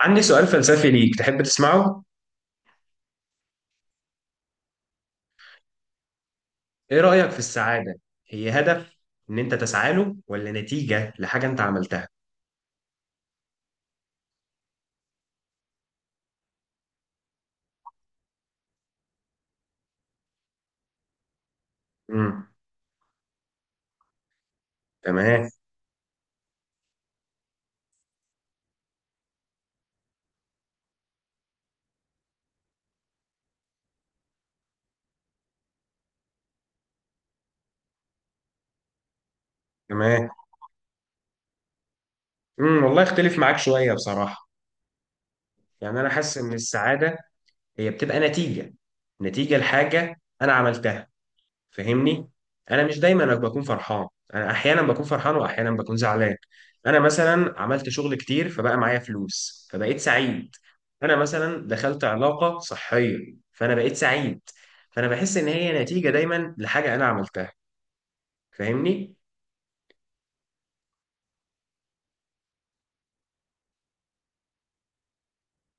عندي سؤال فلسفي ليك، تحب تسمعه؟ إيه رأيك في السعادة؟ هي هدف إن أنت تسعى له ولا نتيجة لحاجة أنت عملتها؟ امم. تمام، تمام. والله اختلف معاك شوية بصراحة. يعني أنا حاسس إن السعادة هي بتبقى نتيجة. نتيجة لحاجة أنا عملتها، فاهمني. انا مش دايما بكون فرحان. انا احيانا بكون فرحان واحيانا بكون زعلان. انا مثلا عملت شغل كتير فبقى معايا فلوس فبقيت سعيد. انا مثلا دخلت علاقة صحية فانا بقيت سعيد. فانا بحس ان هي نتيجة دايما لحاجة انا عملتها، فاهمني.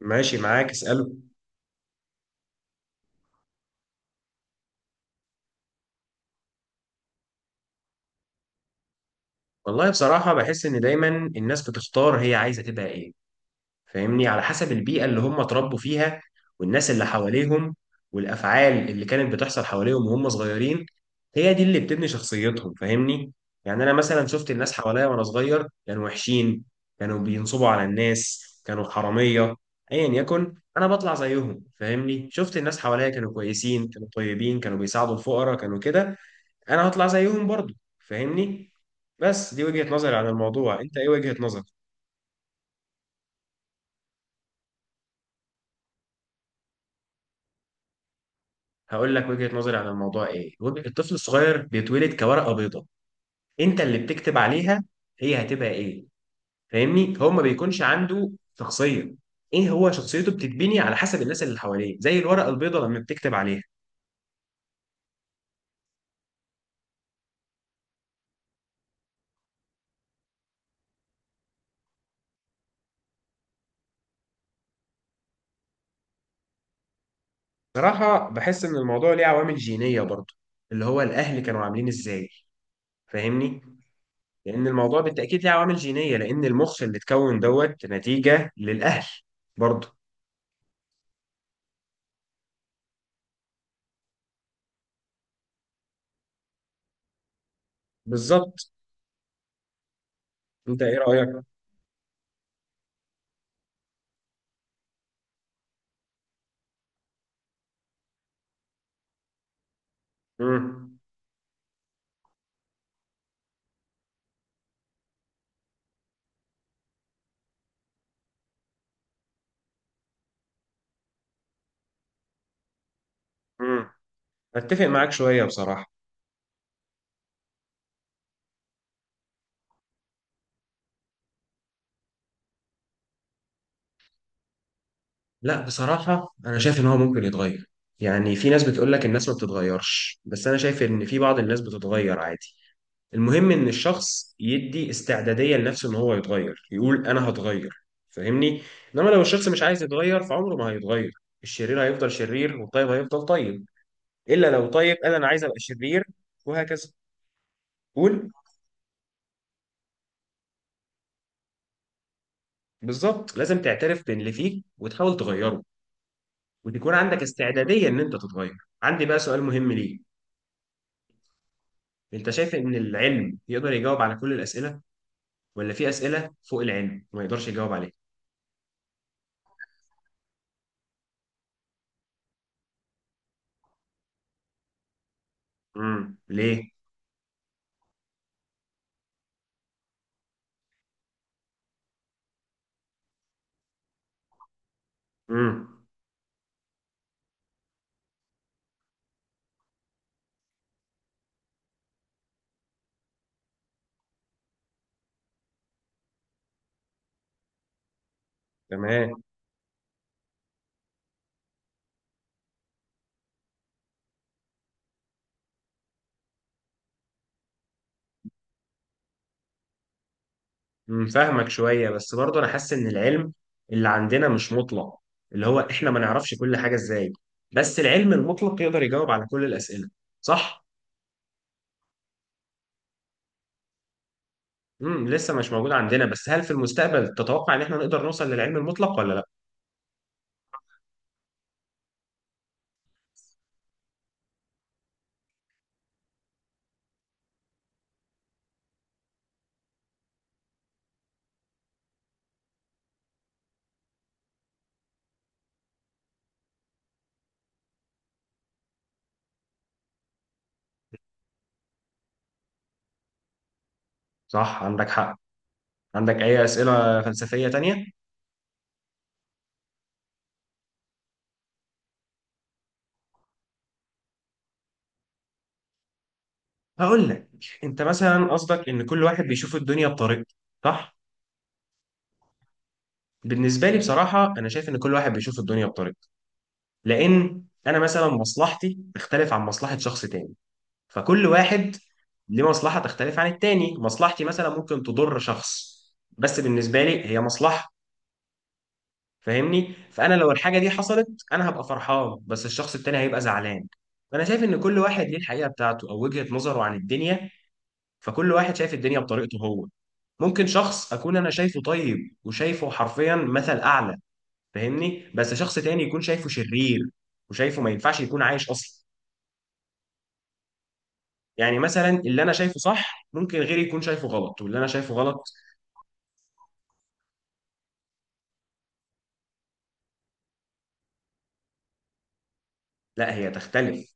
ماشي معاك، اسأله. والله بصراحة بحس ان دايما الناس بتختار هي عايزة تبقى ايه، فاهمني، على حسب البيئة اللي هم اتربوا فيها والناس اللي حواليهم والأفعال اللي كانت بتحصل حواليهم وهم صغيرين. هي دي اللي بتبني شخصيتهم، فاهمني. يعني أنا مثلا شفت الناس حواليا وأنا صغير كانوا وحشين، كانوا بينصبوا على الناس، كانوا حرامية، أيا يكن أنا بطلع زيهم، فاهمني. شفت الناس حواليا كانوا كويسين كانوا طيبين كانوا بيساعدوا الفقراء كانوا كده، أنا هطلع زيهم برضو، فاهمني. بس دي وجهة نظري عن الموضوع، أنت إيه وجهة نظرك؟ هقول لك وجهة نظري عن الموضوع. الطفل الصغير بيتولد كورقة بيضاء، انت اللي بتكتب عليها هي هتبقى ايه، فاهمني. هو ما بيكونش عنده شخصية. ايه، هو شخصيته بتتبني على حسب الناس اللي حواليه زي الورقة البيضاء لما بتكتب عليها. صراحة بحس ان الموضوع ليه عوامل جينية برضه، اللي هو الاهل كانوا عاملين ازاي، فاهمني. لان الموضوع بالتأكيد ليه عوامل جينية لان المخ اللي اتكون دوت نتيجة للاهل برضه. بالظبط. انت ايه رأيك؟ امم اتفق معاك شويه بصراحه. لا، بصراحه انا شايف ان هو ممكن يتغير. يعني في ناس بتقول لك الناس ما بتتغيرش، بس انا شايف ان في بعض الناس بتتغير عادي. المهم ان الشخص يدي استعداديه لنفسه ان هو يتغير، يقول انا هتغير، فاهمني. انما لو الشخص مش عايز يتغير فعمره ما هيتغير. الشرير هيفضل شرير والطيب هيفضل طيب، الا لو طيب قال انا عايز ابقى شرير. وهكذا. قول. بالظبط، لازم تعترف باللي فيك وتحاول تغيره وتكون عندك استعداديه ان انت تتغير. عندي بقى سؤال مهم ليك. انت شايف ان العلم يقدر يجاوب على كل الاسئله ولا في اسئله فوق العلم وما يقدرش يجاوب عليها؟ ليه؟ امم، تمام. فاهمك شويه بس برضه انا حاسس ان العلم اللي عندنا مش مطلق. اللي هو احنا ما نعرفش كل حاجه ازاي. بس العلم المطلق يقدر يجاوب على كل الاسئله، صح؟ لسه مش موجود عندنا. بس هل في المستقبل تتوقع ان احنا نقدر نوصل للعلم المطلق ولا لا؟ صح، عندك حق. عندك اي اسئله فلسفيه تانية؟ هقول لك. انت مثلا قصدك ان كل واحد بيشوف الدنيا بطريقته، صح؟ بالنسبه لي بصراحه انا شايف ان كل واحد بيشوف الدنيا بطريقته. لان انا مثلا مصلحتي تختلف عن مصلحه شخص تاني. فكل واحد ليه مصلحه تختلف عن التاني. مصلحتي مثلا ممكن تضر شخص، بس بالنسبه لي هي مصلحه، فاهمني. فانا لو الحاجه دي حصلت انا هبقى فرحان بس الشخص التاني هيبقى زعلان. فانا شايف ان كل واحد ليه الحقيقه بتاعته او وجهه نظره عن الدنيا. فكل واحد شايف الدنيا بطريقته هو. ممكن شخص اكون انا شايفه طيب وشايفه حرفيا مثل اعلى، فاهمني، بس شخص تاني يكون شايفه شرير وشايفه ما ينفعش يكون عايش اصلا. يعني مثلا اللي انا شايفه صح ممكن غيري يكون شايفه غلط، واللي انا شايفه غلط. لا، هي تختلف.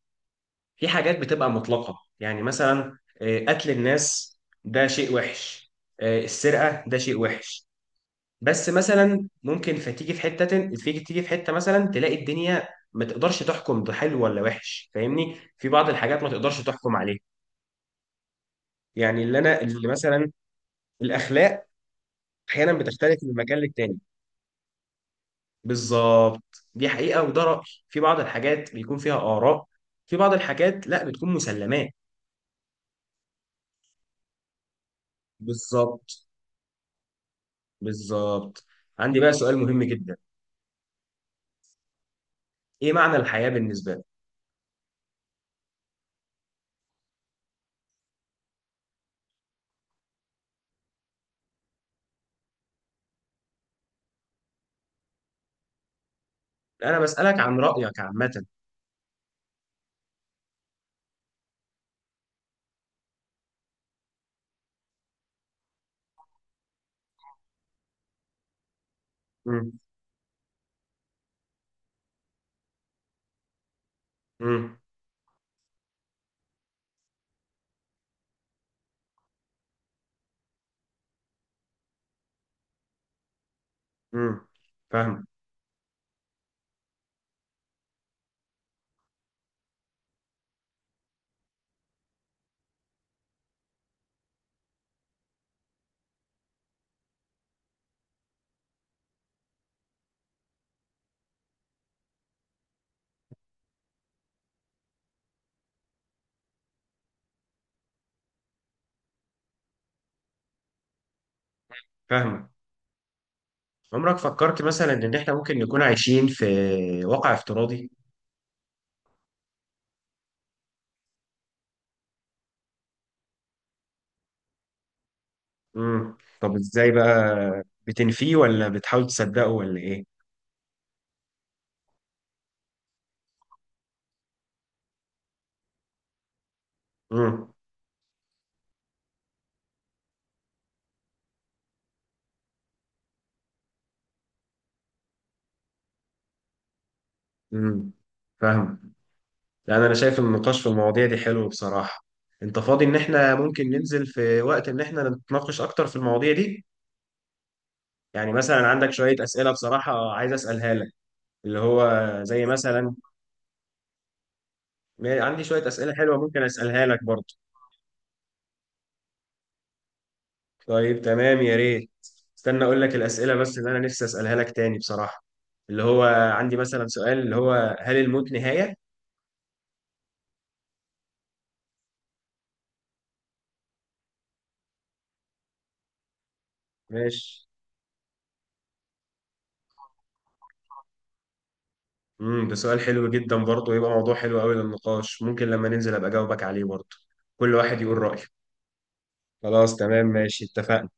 في حاجات بتبقى مطلقة. يعني مثلا قتل الناس ده شيء وحش. السرقة ده شيء وحش. بس مثلا ممكن فتيجي في حته تيجي في حته مثلا تلاقي الدنيا ما تقدرش تحكم ده حلو ولا وحش، فاهمني. في بعض الحاجات ما تقدرش تحكم عليها. يعني اللي مثلا الاخلاق احيانا بتختلف من مكان للتاني. بالظبط. دي حقيقه وده راي. في بعض الحاجات بيكون فيها اراء. في بعض الحاجات لا، بتكون مسلمات. بالظبط، بالظبط. عندي بقى سؤال مهم جدا. ايه معنى الحياه بالنسبه لك؟ انا بسالك عن رايك عامه. امم. امم. امم. فاهم. فاهمك. عمرك فكرت مثلا ان احنا ممكن نكون عايشين في واقع افتراضي؟ طب ازاي بقى بتنفيه ولا بتحاول تصدقه ولا ايه؟ امم. امم. فاهم. لان انا شايف إن النقاش في المواضيع دي حلو بصراحة. انت فاضي ان احنا ممكن ننزل في وقت ان احنا نتناقش اكتر في المواضيع دي؟ يعني مثلا عندك شوية اسئلة بصراحة عايز اسالها لك. اللي هو زي مثلا عندي شوية اسئلة حلوة ممكن اسالها لك برضه. طيب تمام، يا ريت. استنى اقول لك الاسئله بس اللي انا نفسي اسالها لك تاني بصراحه. اللي هو عندي مثلا سؤال اللي هو هل الموت نهايه؟ ماشي. ده سؤال حلو جدا برضه، يبقى موضوع حلو قوي للنقاش، ممكن لما ننزل ابقى اجاوبك عليه برضه. كل واحد يقول رايه. خلاص تمام ماشي، اتفقنا.